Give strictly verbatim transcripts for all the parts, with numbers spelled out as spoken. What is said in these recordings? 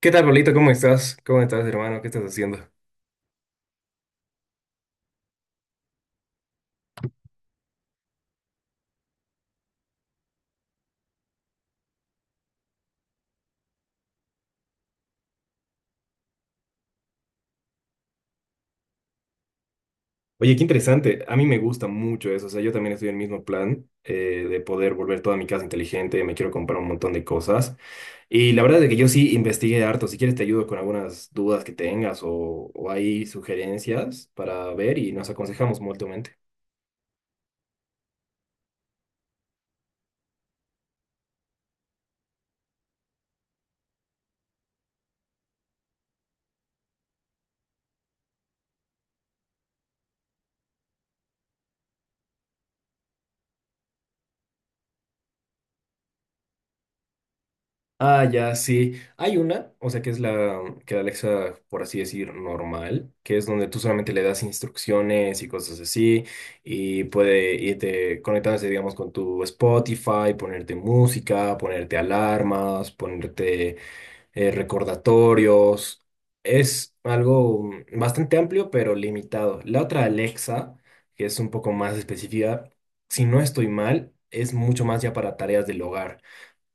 ¿Qué tal, Pablito? ¿Cómo estás? ¿Cómo estás, hermano? ¿Qué estás haciendo? Oye, qué interesante. A mí me gusta mucho eso. O sea, yo también estoy en el mismo plan eh, de poder volver toda mi casa inteligente. Me quiero comprar un montón de cosas. Y la verdad es que yo sí investigué harto. Si quieres, te ayudo con algunas dudas que tengas o, o hay sugerencias para ver y nos aconsejamos mutuamente. Ah, ya, sí. Hay una, o sea, que es la que la Alexa, por así decir, normal, que es donde tú solamente le das instrucciones y cosas así, y puede irte conectándose, digamos, con tu Spotify, ponerte música, ponerte alarmas, ponerte eh, recordatorios. Es algo mm, bastante amplio, pero limitado. La otra Alexa, que es un poco más específica, si no estoy mal, es mucho más ya para tareas del hogar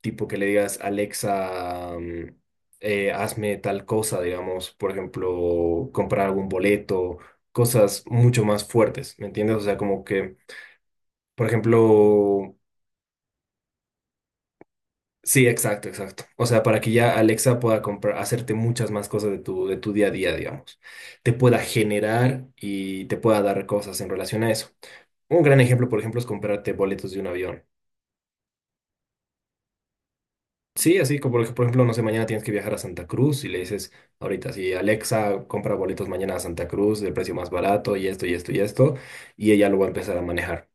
tipo que le digas, Alexa, mm, eh, hazme tal cosa, digamos, por ejemplo, comprar algún boleto, cosas mucho más fuertes, ¿me entiendes? O sea, como que, por ejemplo, sí, exacto, exacto. O sea, para que ya Alexa pueda comprar, hacerte muchas más cosas de tu, de tu día a día, digamos. Te pueda generar y te pueda dar cosas en relación a eso. Un gran ejemplo, por ejemplo, es comprarte boletos de un avión. Sí, así como por ej- por ejemplo, no sé, mañana tienes que viajar a Santa Cruz y le dices ahorita, sí, Alexa, compra boletos mañana a Santa Cruz del precio más barato y esto y esto y esto, y ella lo va a empezar a manejar.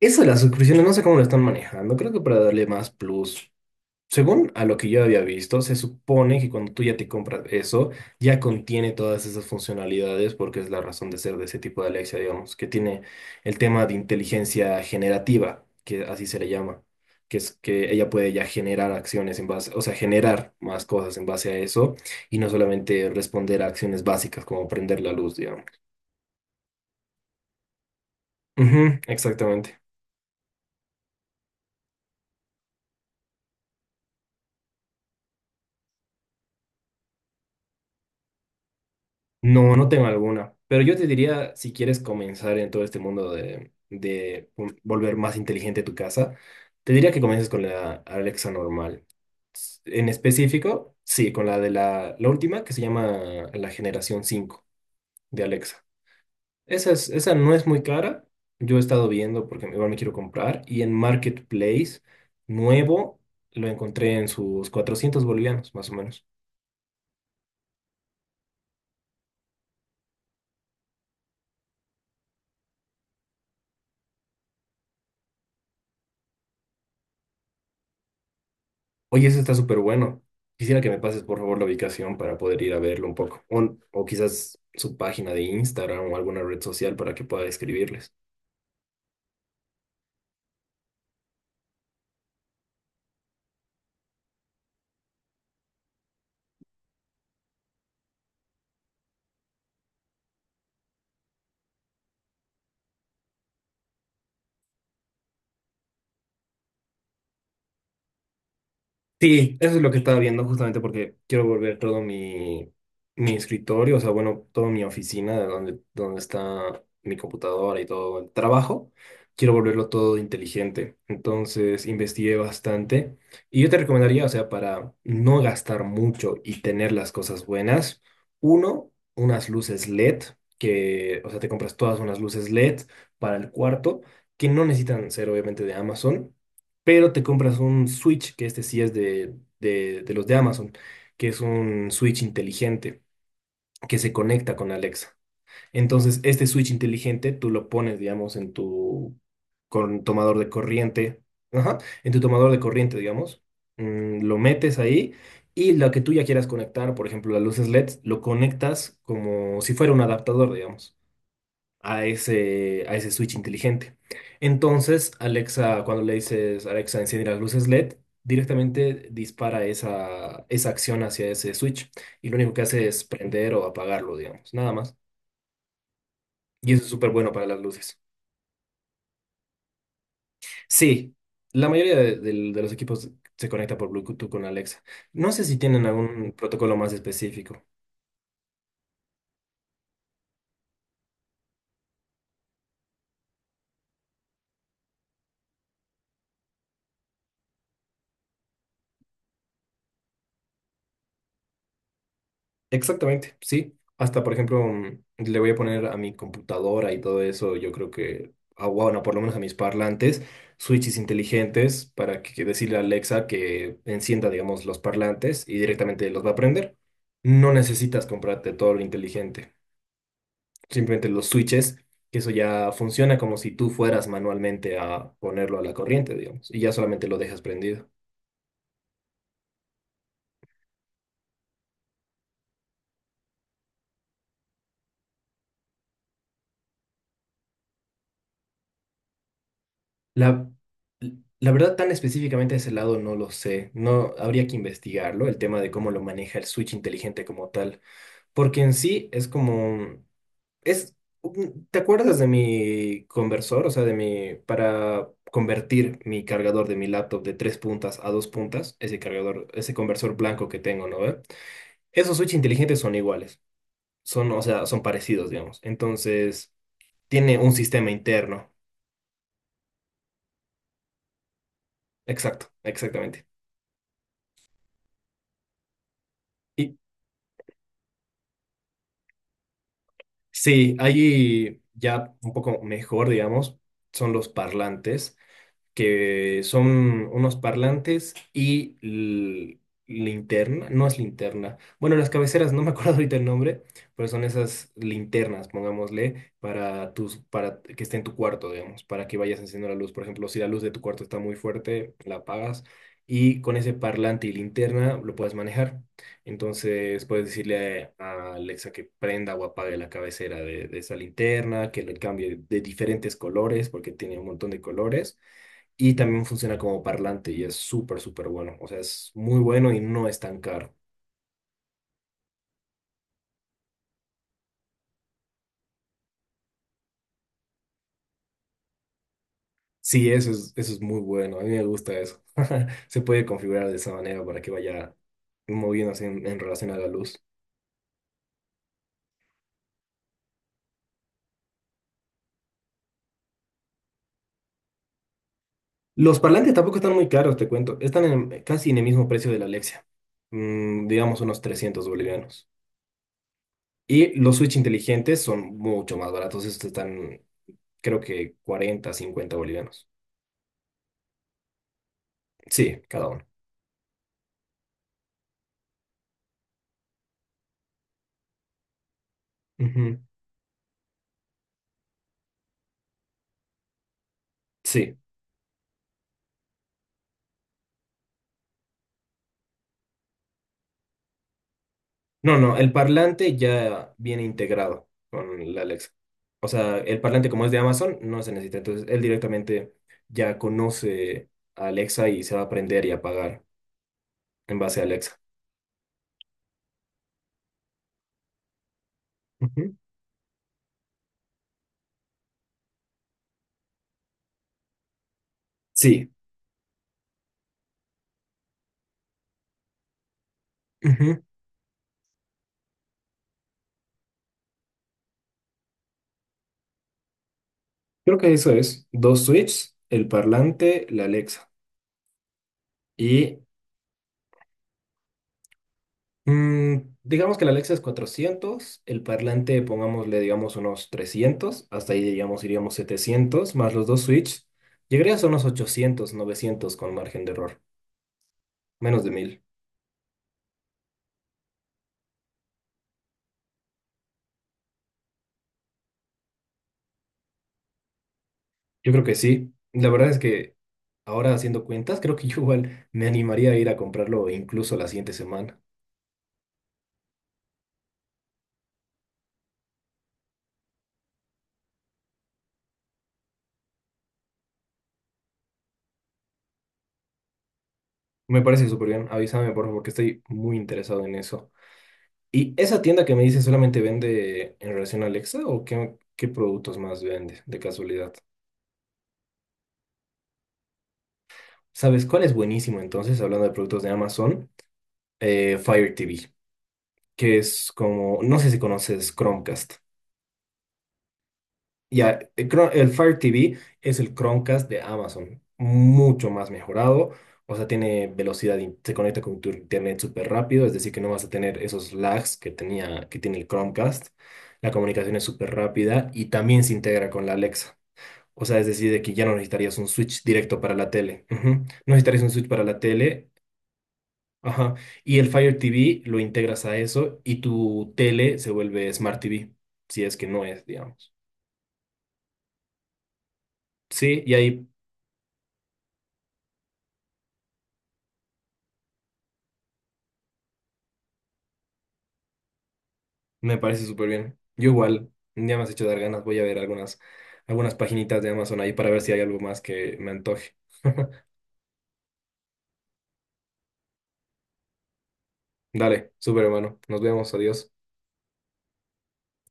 Eso de las suscripciones, no sé cómo lo están manejando, creo que para darle más plus. Según a lo que yo había visto, se supone que cuando tú ya te compras eso, ya contiene todas esas funcionalidades porque es la razón de ser de ese tipo de Alexa, digamos, que tiene el tema de inteligencia generativa, que así se le llama, que es que ella puede ya generar acciones en base, o sea, generar más cosas en base a eso y no solamente responder a acciones básicas como prender la luz, digamos. Ujú, exactamente. No, no tengo alguna. Pero yo te diría, si quieres comenzar en todo este mundo de, de un- volver más inteligente tu casa, te diría que comiences con la Alexa normal. S- En específico, sí, con la de la, la última que se llama la generación cinco de Alexa. Esa es, esa no es muy cara. Yo he estado viendo porque igual me quiero comprar. Y en Marketplace, nuevo, lo encontré en sus cuatrocientos bolivianos, más o menos. Oye, eso está súper bueno. Quisiera que me pases, por favor, la ubicación para poder ir a verlo un poco. O, o quizás su página de Instagram o alguna red social para que pueda escribirles. Sí, eso es lo que estaba viendo justamente porque quiero volver todo mi, mi escritorio, o sea, bueno, toda mi oficina, de donde, donde está mi computadora y todo el trabajo, quiero volverlo todo inteligente. Entonces, investigué bastante y yo te recomendaría, o sea, para no gastar mucho y tener las cosas buenas, uno, unas luces L E D, que, o sea, te compras todas unas luces L E D para el cuarto, que no necesitan ser obviamente de Amazon, pero te compras un Switch, que este sí es de, de, de los de Amazon, que es un Switch inteligente que se conecta con Alexa. Entonces, este Switch inteligente tú lo pones, digamos, en tu con- tomador de corriente, ajá, en tu tomador de corriente, digamos, mm, lo metes ahí y lo que tú ya quieras conectar, por ejemplo, las luces L E D, lo conectas como si fuera un adaptador, digamos, a ese, a ese switch inteligente. Entonces, Alexa, cuando le dices Alexa, enciende las luces L E D, directamente dispara esa, esa acción hacia ese switch, y lo único que hace es prender o apagarlo, digamos, nada más. Y eso es súper bueno para las luces. Sí, la mayoría de, del- de los equipos se conecta por Bluetooth con Alexa. No sé si tienen algún protocolo más específico. Exactamente, sí. Hasta, por ejemplo, mm, le voy a poner a mi computadora y todo eso, yo creo que, ah, bueno, por lo menos a mis parlantes, switches inteligentes para que, que decirle a Alexa que encienda, digamos, los parlantes, y directamente los va a prender. No necesitas comprarte todo lo inteligente, simplemente los switches, que eso ya funciona como si tú fueras manualmente a ponerlo a la corriente, digamos, y ya solamente lo dejas prendido. La, la verdad, tan específicamente de ese lado no lo sé. No habría que investigarlo, el tema de cómo lo maneja el switch inteligente como tal. Porque en sí es como. Es, un- ¿Te acuerdas de mi conversor? O sea, de mi. Para convertir mi cargador de mi laptop de tres puntas a dos puntas, ese cargador, ese conversor blanco que tengo, ¿no?, ¿ve? Esos switch inteligentes son iguales. Son, o sea, son parecidos, digamos. Entonces, tiene un sistema interno. Exacto, exactamente. Y sí, ahí ya un poco mejor, digamos, son los parlantes, que son unos parlantes y l- linterna, no es linterna. Bueno, las cabeceras, no me acuerdo ahorita el nombre, pero son esas linternas, pongámosle, para tus, para que esté en tu cuarto, digamos, para que vayas encendiendo la luz. Por ejemplo, si la luz de tu cuarto está muy fuerte, la apagas y con ese parlante y linterna lo puedes manejar. Entonces puedes decirle a Alexa que prenda o apague la cabecera de, de esa linterna, que le cambie de diferentes colores, porque tiene un montón de colores y también funciona como parlante, y es súper, súper bueno. O sea, es muy bueno y no es tan caro. Sí, eso es, eso es muy bueno. A mí me gusta eso. Se puede configurar de esa manera para que vaya moviéndose en, en relación a la luz. Los parlantes tampoco están muy caros, te cuento. Están en- eh, casi en el mismo precio de la Alexia. Mm, digamos, unos trescientos bolivianos. Y los Switch inteligentes son mucho más baratos. Estos están, creo que, cuarenta cincuenta bolivianos. Sí, cada uno. Ujú. Sí. No, no, el parlante ya viene integrado con la Alexa. O sea, el parlante, como es de Amazon, no se necesita. Entonces, él directamente ya conoce a Alexa y se va a aprender y apagar en base a Alexa. Ujú. Sí, ujú. Creo que eso es. Dos switches, el parlante, la Alexa. Y mm, digamos que la Alexa es cuatrocientos, el parlante pongámosle, digamos, unos trescientos. Hasta ahí, digamos, iríamos setecientos, más los dos switches. Llegaría a unos ochocientos, novecientos, con margen de error. Menos de mil. Yo creo que sí. La verdad es que ahora, haciendo cuentas, creo que yo igual me animaría a ir a comprarlo incluso la siguiente semana. Me parece súper bien. Avísame, por favor, que estoy muy interesado en eso. ¿Y esa tienda que me dices solamente vende en relación a Alexa, o qué, qué productos más vende, de casualidad? ¿Sabes cuál es buenísimo entonces, hablando de productos de Amazon? Eh, Fire T V, que es como, no sé si conoces Chromecast. Ya, el, Chrome- el Fire T V es el Chromecast de Amazon, mucho más mejorado, o sea, tiene velocidad, in- se conecta con tu internet súper rápido, es decir, que no vas a tener esos lags que tenía, que tiene el Chromecast, la comunicación es súper rápida y también se integra con la Alexa, o sea, es decir, de que ya no necesitarías un switch directo para la tele. Ujú. No necesitarías un switch para la tele, ajá, y el Fire T V lo integras a eso y tu tele se vuelve Smart T V, si es que no es, digamos. Sí, y ahí. Me parece súper bien. Yo igual, ya me has hecho dar ganas, voy a ver algunas, algunas paginitas de Amazon ahí para ver si hay algo más que me antoje. Dale, súper hermano, nos vemos, adiós.